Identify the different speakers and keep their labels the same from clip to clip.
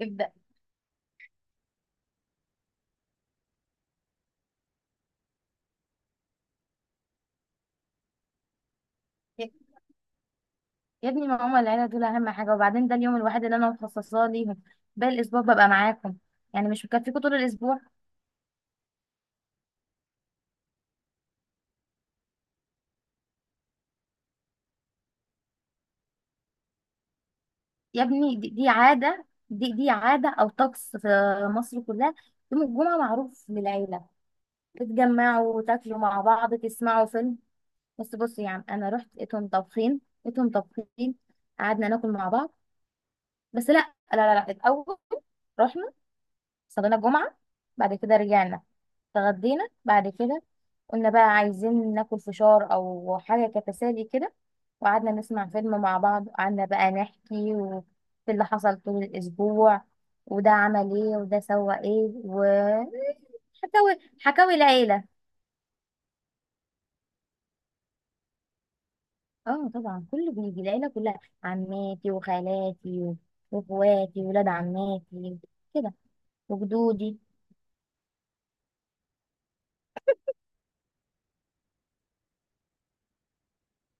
Speaker 1: ابدأ. يا يا ابني، ما هما العيلة دول أهم حاجة، وبعدين ده اليوم الوحيد اللي أنا مخصصاه ليهم. باقي الأسبوع ببقى معاكم، يعني مش مكفيكوا طول الأسبوع؟ يا ابني دي عادة، دي عادة أو طقس في مصر كلها. يوم الجمعة معروف للعيلة، تتجمعوا وتاكلوا مع بعض، تسمعوا فيلم. بس بص يا عم، أنا رحت لقيتهم طابخين. قعدنا ناكل مع بعض. بس لا. الأول رحنا صلينا الجمعة، بعد كده رجعنا، اتغدينا، بعد كده قلنا بقى عايزين ناكل فشار او حاجه كتسالي كده، وقعدنا نسمع فيلم مع بعض، وقعدنا بقى نحكي في اللي حصل طول الاسبوع، وده عمل ايه وده سوى ايه وحكاوي، حكاوي العيله. اه طبعا كله بيجي، العيله كلها، عماتي وخالاتي واخواتي ولاد عماتي كده، وجدودي.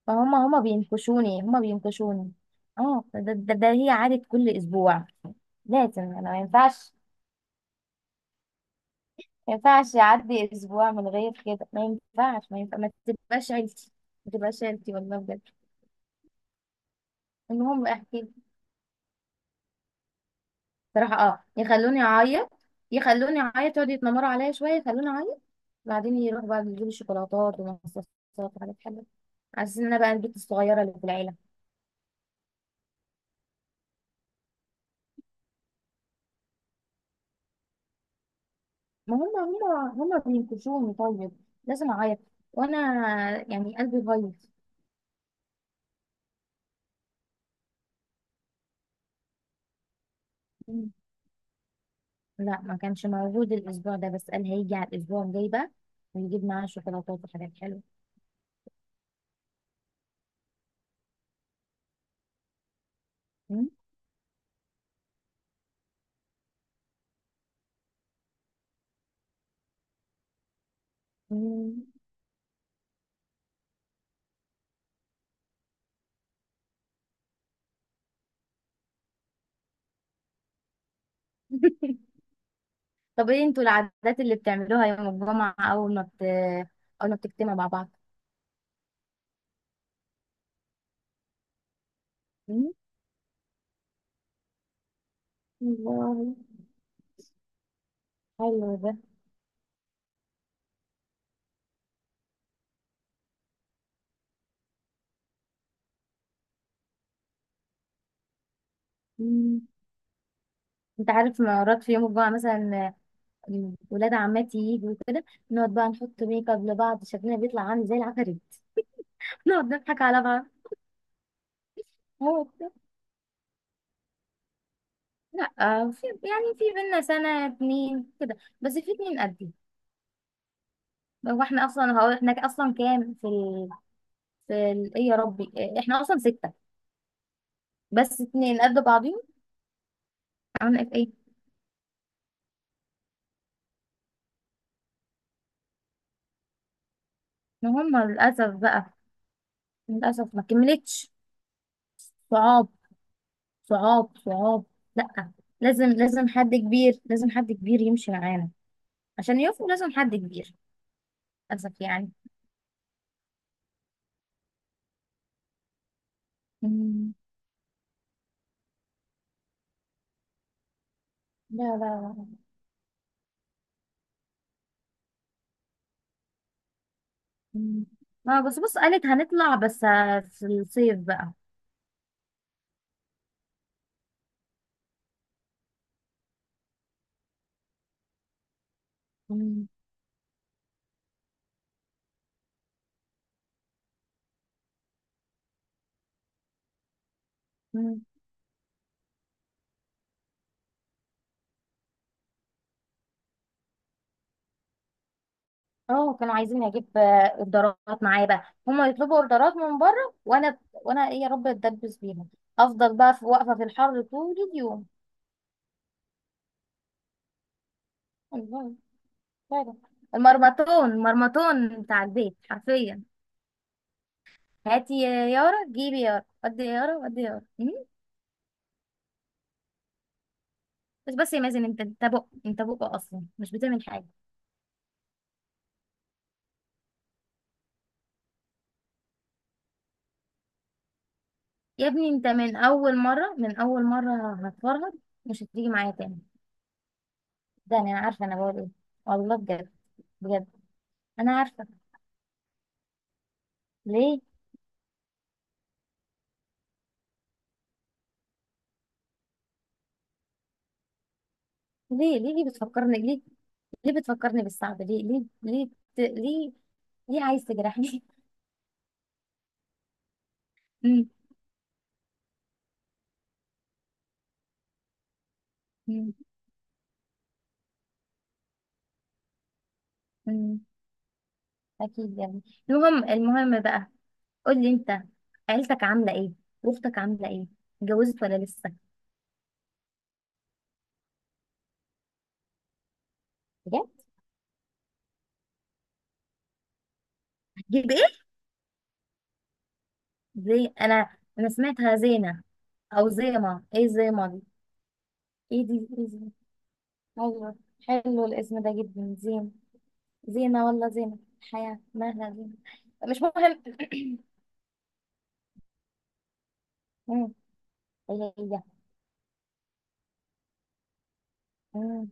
Speaker 1: فهم هما بينكشوني. اه، ده هي عادة كل اسبوع. لازم، انا ما ينفعش، ما ينفعش يعدي اسبوع من غير كده، ما ينفعش، ما ينفع ما تبقاش عيلتي، ما تبقاش عيلتي والله بجد. المهم احكي لي. صراحه اه، يخلوني اعيط، يخلوني اعيط، يقعدوا يتنمروا عليا شويه، يخلوني اعيط. بعدين يروحوا بقى يجيبوا شوكولاتات ومصاصات وحاجات حلوه، على أساس ان انا بقى البنت الصغيره اللي في العيله. ما هم بينكشوني، طيب لازم اعيط، وانا يعني قلبي بايظ. مم. لا، ما كانش موجود الاسبوع ده، بس قال هيجي على الاسبوع الجاي بقى، ويجيب معاه شوكولاتات وحاجات حلوه. مم. طب ايه انتوا العادات اللي بتعملوها يوم الجمعة، اول ما بتجتمعوا مع بعض؟ مم. والله حلو ده. مم. انت عارف، مرات في يوم الجمعة مثلا آه، ولاد عماتي يجوا كده، نقعد بقى نحط ميك اب لبعض، شكلنا بيطلع عامل زي العفاريت. نقعد نضحك على بعض. هو كده. لا آه، في يعني في بينا سنة اتنين كده، بس في اتنين قدي. هو احنا اصلا كام في ال... ايه يا ربي، آه، احنا اصلا ستة، بس اتنين قد بعض. عملت ايه؟ ما هم للاسف بقى، للاسف ما كملتش. صعاب، صعاب، صعاب. لا، لازم، لازم حد كبير يمشي معانا عشان يوفوا، لازم حد كبير، للاسف يعني. مم. لا لا لا. مم. اه، بس بص، قالت هنطلع بس آه، في الصيف بقى. مم. مم. اه، كانوا عايزين اجيب آه، اوردرات معايا بقى، هما يطلبوا اوردرات من بره، وانا ايه يا رب اتدبس بيهم، افضل بقى في واقفه في الحر طول اليوم. الله، فعلا، المرمطون، المرمطون بتاع البيت حرفيا. هاتي يا يارا، جيبي يارا، ودي يا يارا، ودي يا يارا. مم. بس بس يا مازن، انت انت بق اصلا مش بتعمل حاجه. يا ابني انت من اول مره هتفرهد، مش هتيجي معايا تاني. ده انا عارفه انا بقول ايه، والله بجد، بجد. انا عارفه. ليه؟ ليه بتفكرني ليه، ليه بتفكرني بالصعب، ليه، ليه عايز تجرحني؟ مم. مم. مم. اكيد يعني. المهم، المهم بقى، قولي انت، عيلتك عامله ايه، واختك عامله ايه، اتجوزت ولا لسه؟ بجد؟ هتجيب ايه؟ زي انا، انا سمعتها زينه، او زيما، ايه زيما دي؟ ايه دي، ايه دي؟ ايوه. حلو الاسم ده جدا، زين. زينه ولا زينه؟ حياه مالها زينه. مش مهم. مم. هي هي. مم.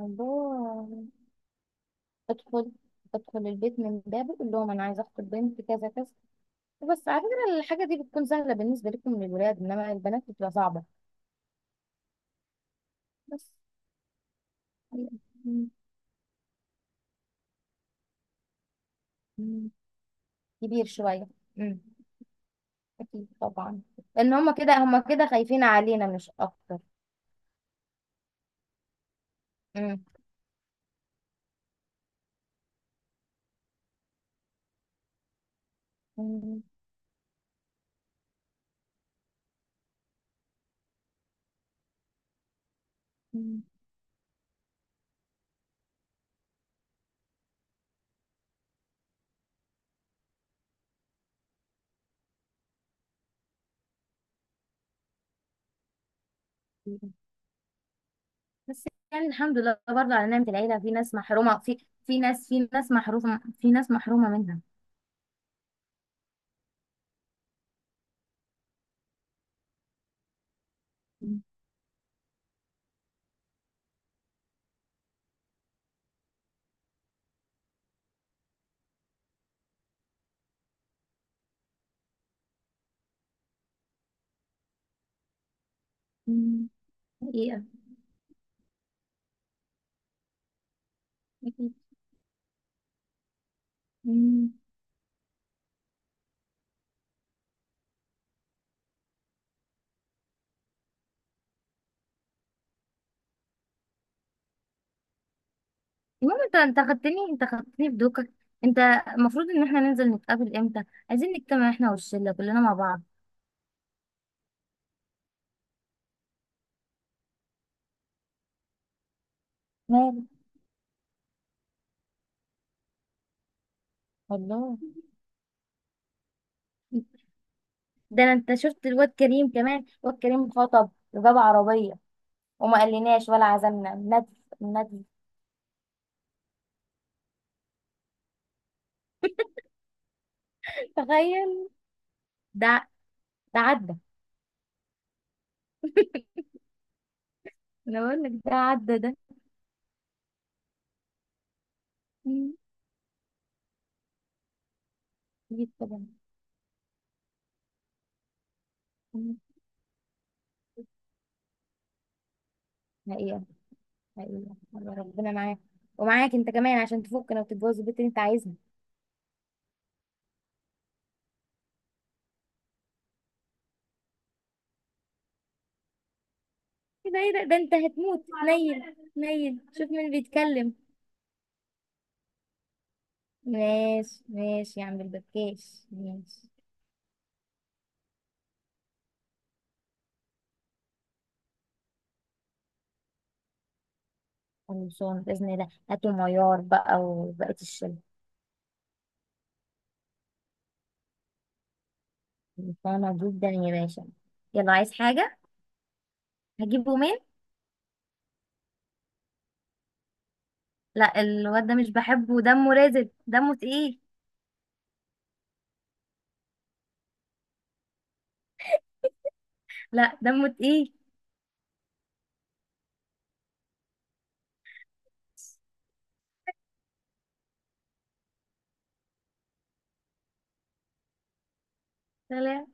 Speaker 1: الله. ادخل، ادخل البيت من بابه، قول لهم انا عايزه اخطب بنت كذا كذا. بس على فكره الحاجه دي بتكون سهله بالنسبه لكم للولاد، انما البنات بتبقى صعبه، بس. مم. كبير شوية. مم. أكيد طبعا. لأن هما كده، هما كده خايفين علينا مش أكتر. مم. مم. مم. بس يعني الحمد لله برضه على نعمة العيلة، في ناس محرومة، في ناس محرومة، في ناس محرومة منها. مم. مم. حقيقة. أكيد. مم. المهم انت، انت خدتني بدوكك. انت، المفروض ان احنا ننزل نتقابل امتى؟ عايزين نجتمع احنا والشلة كلنا مع بعض. مال. والله. ده انا، انت شفت الواد كريم؟ كمان الواد كريم خطب وجاب عربية، وما قالناش ولا عزمنا ندف، ندف. تخيل. ده ده عدى، انا بقول لك ده عدى ده. مم. جيت طبعا. مم. حقيقة، حقيقة. يا ربنا معاك، ومعاك انت كمان، عشان تفكنا وتتجوز البنت اللي انت عايزها. ايه ده، ايه ده، ده انت هتموت، نيل نيل، شوف مين بيتكلم. ماشي ماشي يا عم البكاش، ماشي. خلصان بإذن الله، هاتوا معيار بقى وبقية الشلة. فاهمة جدا يا باشا. يلا، عايز حاجة؟ هجيبه مين؟ لا، الواد ده مش بحبه، دمه رازب، دمه تقيل. لا، دمه تقيل. سلام.